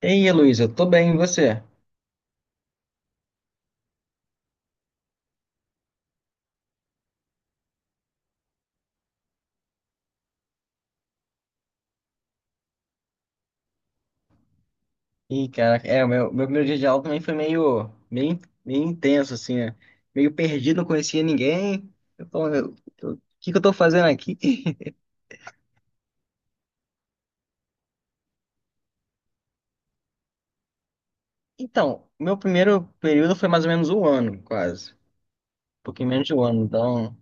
E aí, Luiz, eu tô bem, e você? Ih, cara, o meu primeiro dia de aula também foi meio intenso, assim, né? Meio perdido, não conhecia ninguém. Eu tô, eu- O que que eu tô fazendo aqui? Então, meu primeiro período foi mais ou menos um ano, quase. Um pouquinho menos de um ano, então...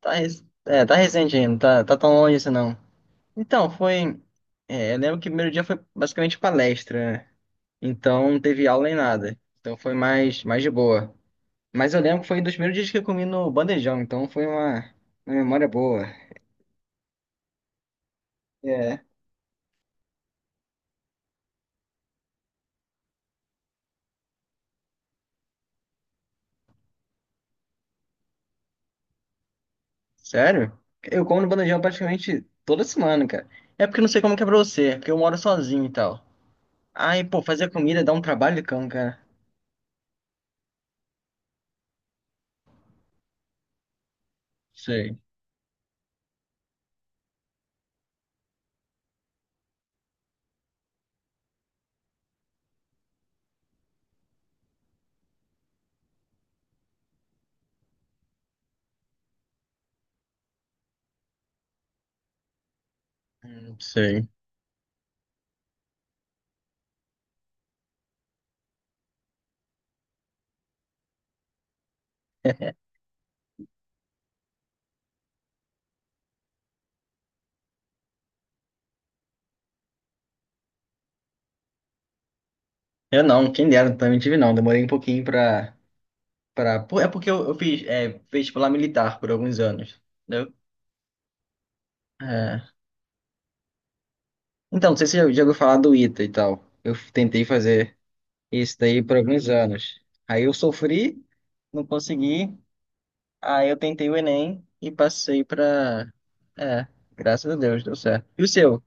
Tá recente ainda, não tá, tá tão longe assim, não. Então, foi... eu lembro que o primeiro dia foi basicamente palestra, né? Então, não teve aula nem nada. Então, foi mais de boa. Mas eu lembro que foi um dos primeiros dias que eu comi no bandejão, então foi uma memória boa. É. Sério? Eu como no bandejão praticamente toda semana, cara. É porque eu não sei como que é pra você, é porque eu moro sozinho e tal. Ai, pô, fazer comida dá um trabalho de cão, cara. Sei, não sei. Eu não, quem dera, também tive não. Demorei um pouquinho pra... pra... pô, é porque eu fiz vestibular militar por alguns anos, entendeu? É. Então, não sei se você já ouviu falar do ITA e tal. Eu tentei fazer isso daí por alguns anos. Aí eu sofri, não consegui. Aí eu tentei o Enem e passei pra. É, graças a Deus, deu certo. E o seu?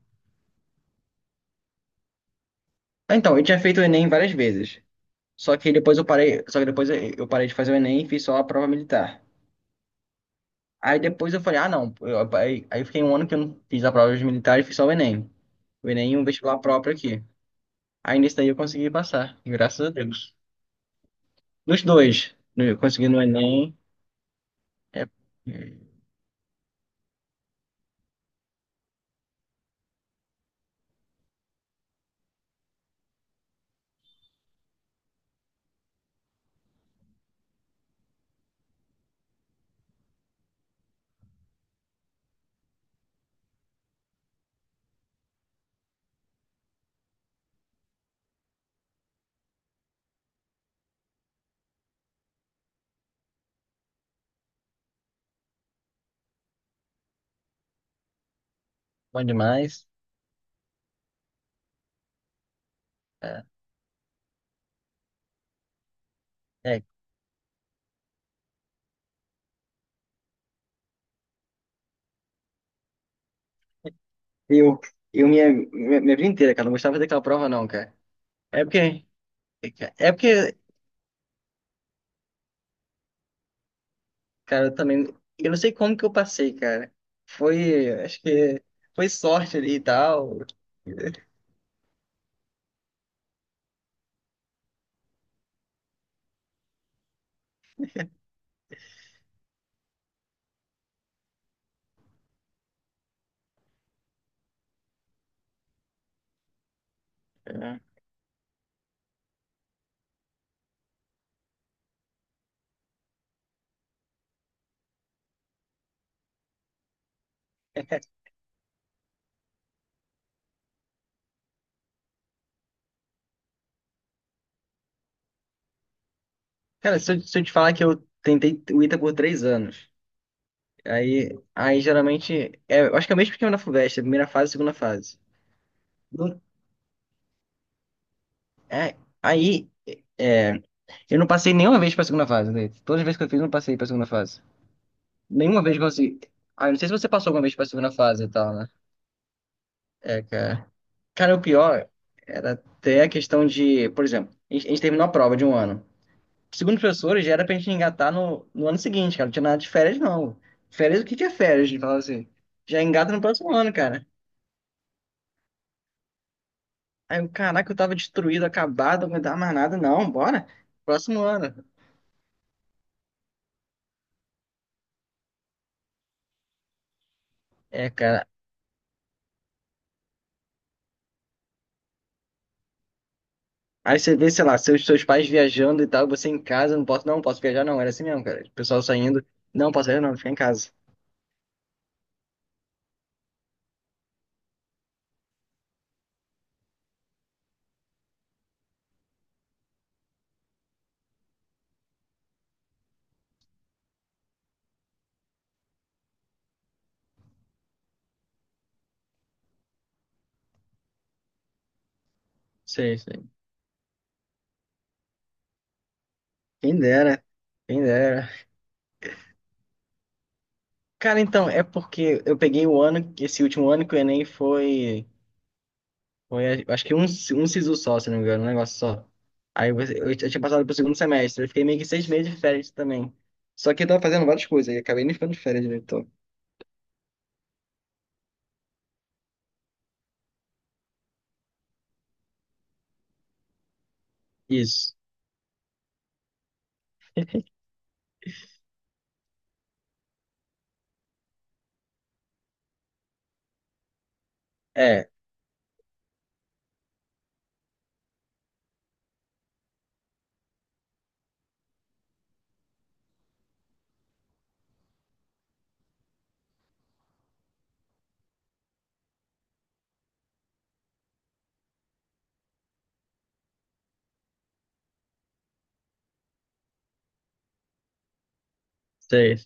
Ah, então, eu tinha feito o Enem várias vezes. Só que depois eu parei, só que depois eu parei de fazer o Enem e fiz só a prova militar. Aí depois eu falei, ah, não. Aí eu fiquei um ano que eu não fiz a prova de militar e fiz só o Enem. O Enem e um vestibular próprio aqui. Aí nesse daí eu consegui passar, graças a Deus. Nos dois. Eu consegui no Enem, é, é bom demais. É, É, eu, minha vida inteira, cara, não gostava daquela prova, não, cara. É porque, é porque, cara, eu também, eu não sei como que eu passei, cara. Foi, acho que foi sorte ali e tal. É. Cara, se eu te falar que eu tentei o ITA por 3 anos, aí geralmente, eu acho que é o mesmo esquema na FUVEST, é primeira fase, segunda fase. Não- é, aí, é, eu não passei nenhuma vez pra segunda fase, né? Todas as vezes que eu fiz, eu não passei pra segunda fase. Nenhuma vez consegui. Ah, eu não sei se você passou alguma vez pra segunda fase e tal, né? É, cara. Cara, o pior era até a questão de. Por exemplo, a gente terminou a prova de um ano. Segundo os professores, já era pra gente engatar no ano seguinte, cara. Não tinha nada de férias, não. Férias, o que que é férias? Ele falava assim. Já engata no próximo ano, cara. Aí eu, caraca, eu tava destruído, acabado, não dá mais nada. Não, bora. Próximo ano. É, cara. Aí você vê, sei lá, seus pais viajando e tal, você em casa, não posso, não, posso viajar, não. Era assim mesmo, cara. O pessoal saindo. Não, posso viajar, não, fica em casa. Sei, sei. Quem dera, quem dera. Cara, então, é porque eu peguei o ano, esse último ano que o Enem foi, foi acho que um SISU só, se não me engano, um negócio só. Eu tinha passado pro segundo semestre, eu fiquei meio que 6 meses de férias também. Só que eu tava fazendo várias coisas e acabei nem ficando de férias direito. Isso, é, sei.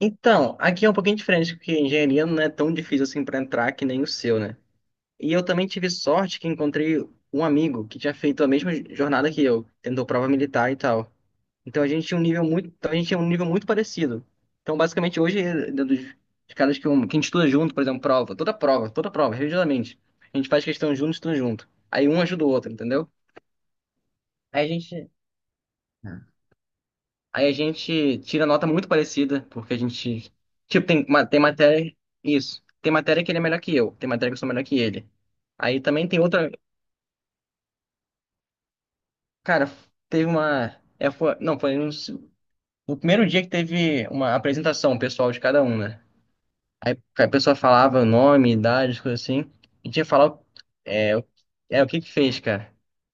Então, aqui é um pouquinho diferente, porque engenharia não é tão difícil assim pra entrar que nem o seu, né? E eu também tive sorte que encontrei um amigo que tinha feito a mesma jornada que eu, tentou prova militar e tal. Então a gente tinha um nível muito parecido. Então basicamente hoje dentro dos caras que, que a gente estuda junto, por exemplo, prova, toda prova, religiosamente, a gente faz questão junto, estuda junto. Aí um ajuda o outro, entendeu? Aí a gente, aí a gente tira nota muito parecida, porque a gente, tipo, tem matéria, isso, tem matéria que ele é melhor que eu, tem matéria que eu sou melhor que ele. Aí também tem outra, cara, teve uma, é, foi, não, foi um- o primeiro dia que teve uma apresentação pessoal de cada um, né? Aí a pessoa falava o nome, idade, coisa assim. E tinha que falar é, o- o que que fez, cara.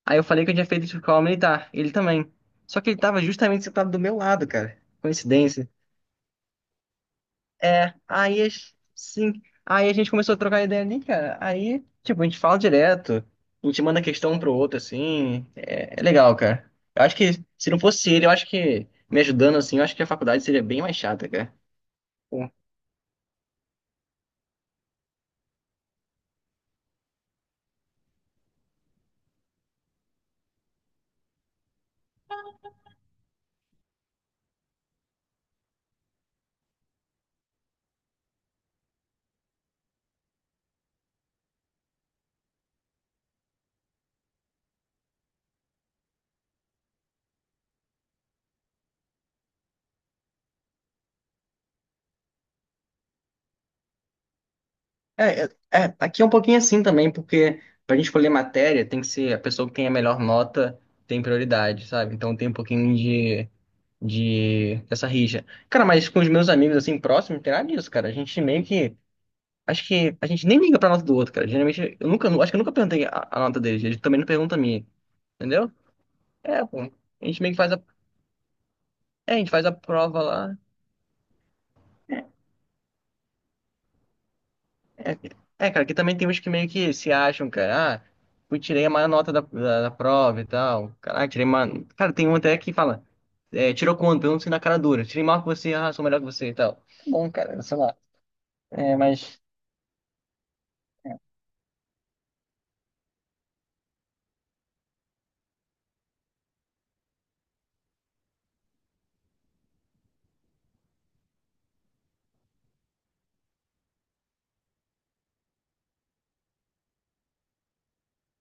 Aí eu falei que eu tinha feito escola militar. Ele também. Só que ele tava justamente sentado do meu lado, cara. Coincidência. Sim. Aí a gente começou a trocar ideia ali, cara. Aí, tipo, a gente fala direto. A gente manda questão um pro outro, assim. É, é legal, cara. Eu acho que se não fosse ele, eu acho que me ajudando assim, eu acho que a faculdade seria bem mais chata, cara. Tá, aqui é um pouquinho assim também, porque pra gente escolher matéria, tem que ser a pessoa que tem a melhor nota tem prioridade, sabe? Então tem um pouquinho de dessa rixa. Cara, mas com os meus amigos assim próximos, não tem nada disso, cara. A gente meio que. Acho que a gente nem liga pra nota do outro, cara. Geralmente, eu nunca, acho que eu nunca perguntei a nota deles. Eles também não perguntam a minha, entendeu? É, pô. A gente meio que faz a. É, a gente faz a prova lá. Cara, que também tem uns que meio que se acham, cara. Ah, eu tirei a maior nota da prova e tal. Caraca, tirei uma. Cara, tem um até que fala. É, tirou quanto? Eu não sei na cara dura. Tirei maior que você, ah, sou melhor que você e tal. Tá bom, cara, sei lá. É, mas.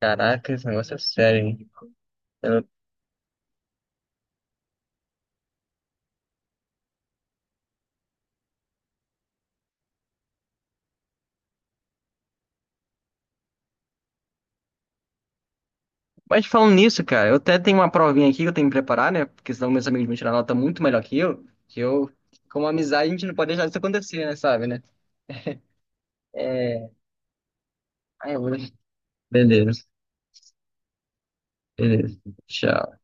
Caraca, esse negócio é sério, hein? Eu- Mas falando nisso, cara, eu até tenho uma provinha aqui que eu tenho que preparar, né? Porque senão meus amigos vão tirar nota muito melhor que eu. Que eu, como amizade, a gente não pode deixar isso acontecer, né? Sabe, né? É. Ai, eu vou. Beleza, beleza. Tchau.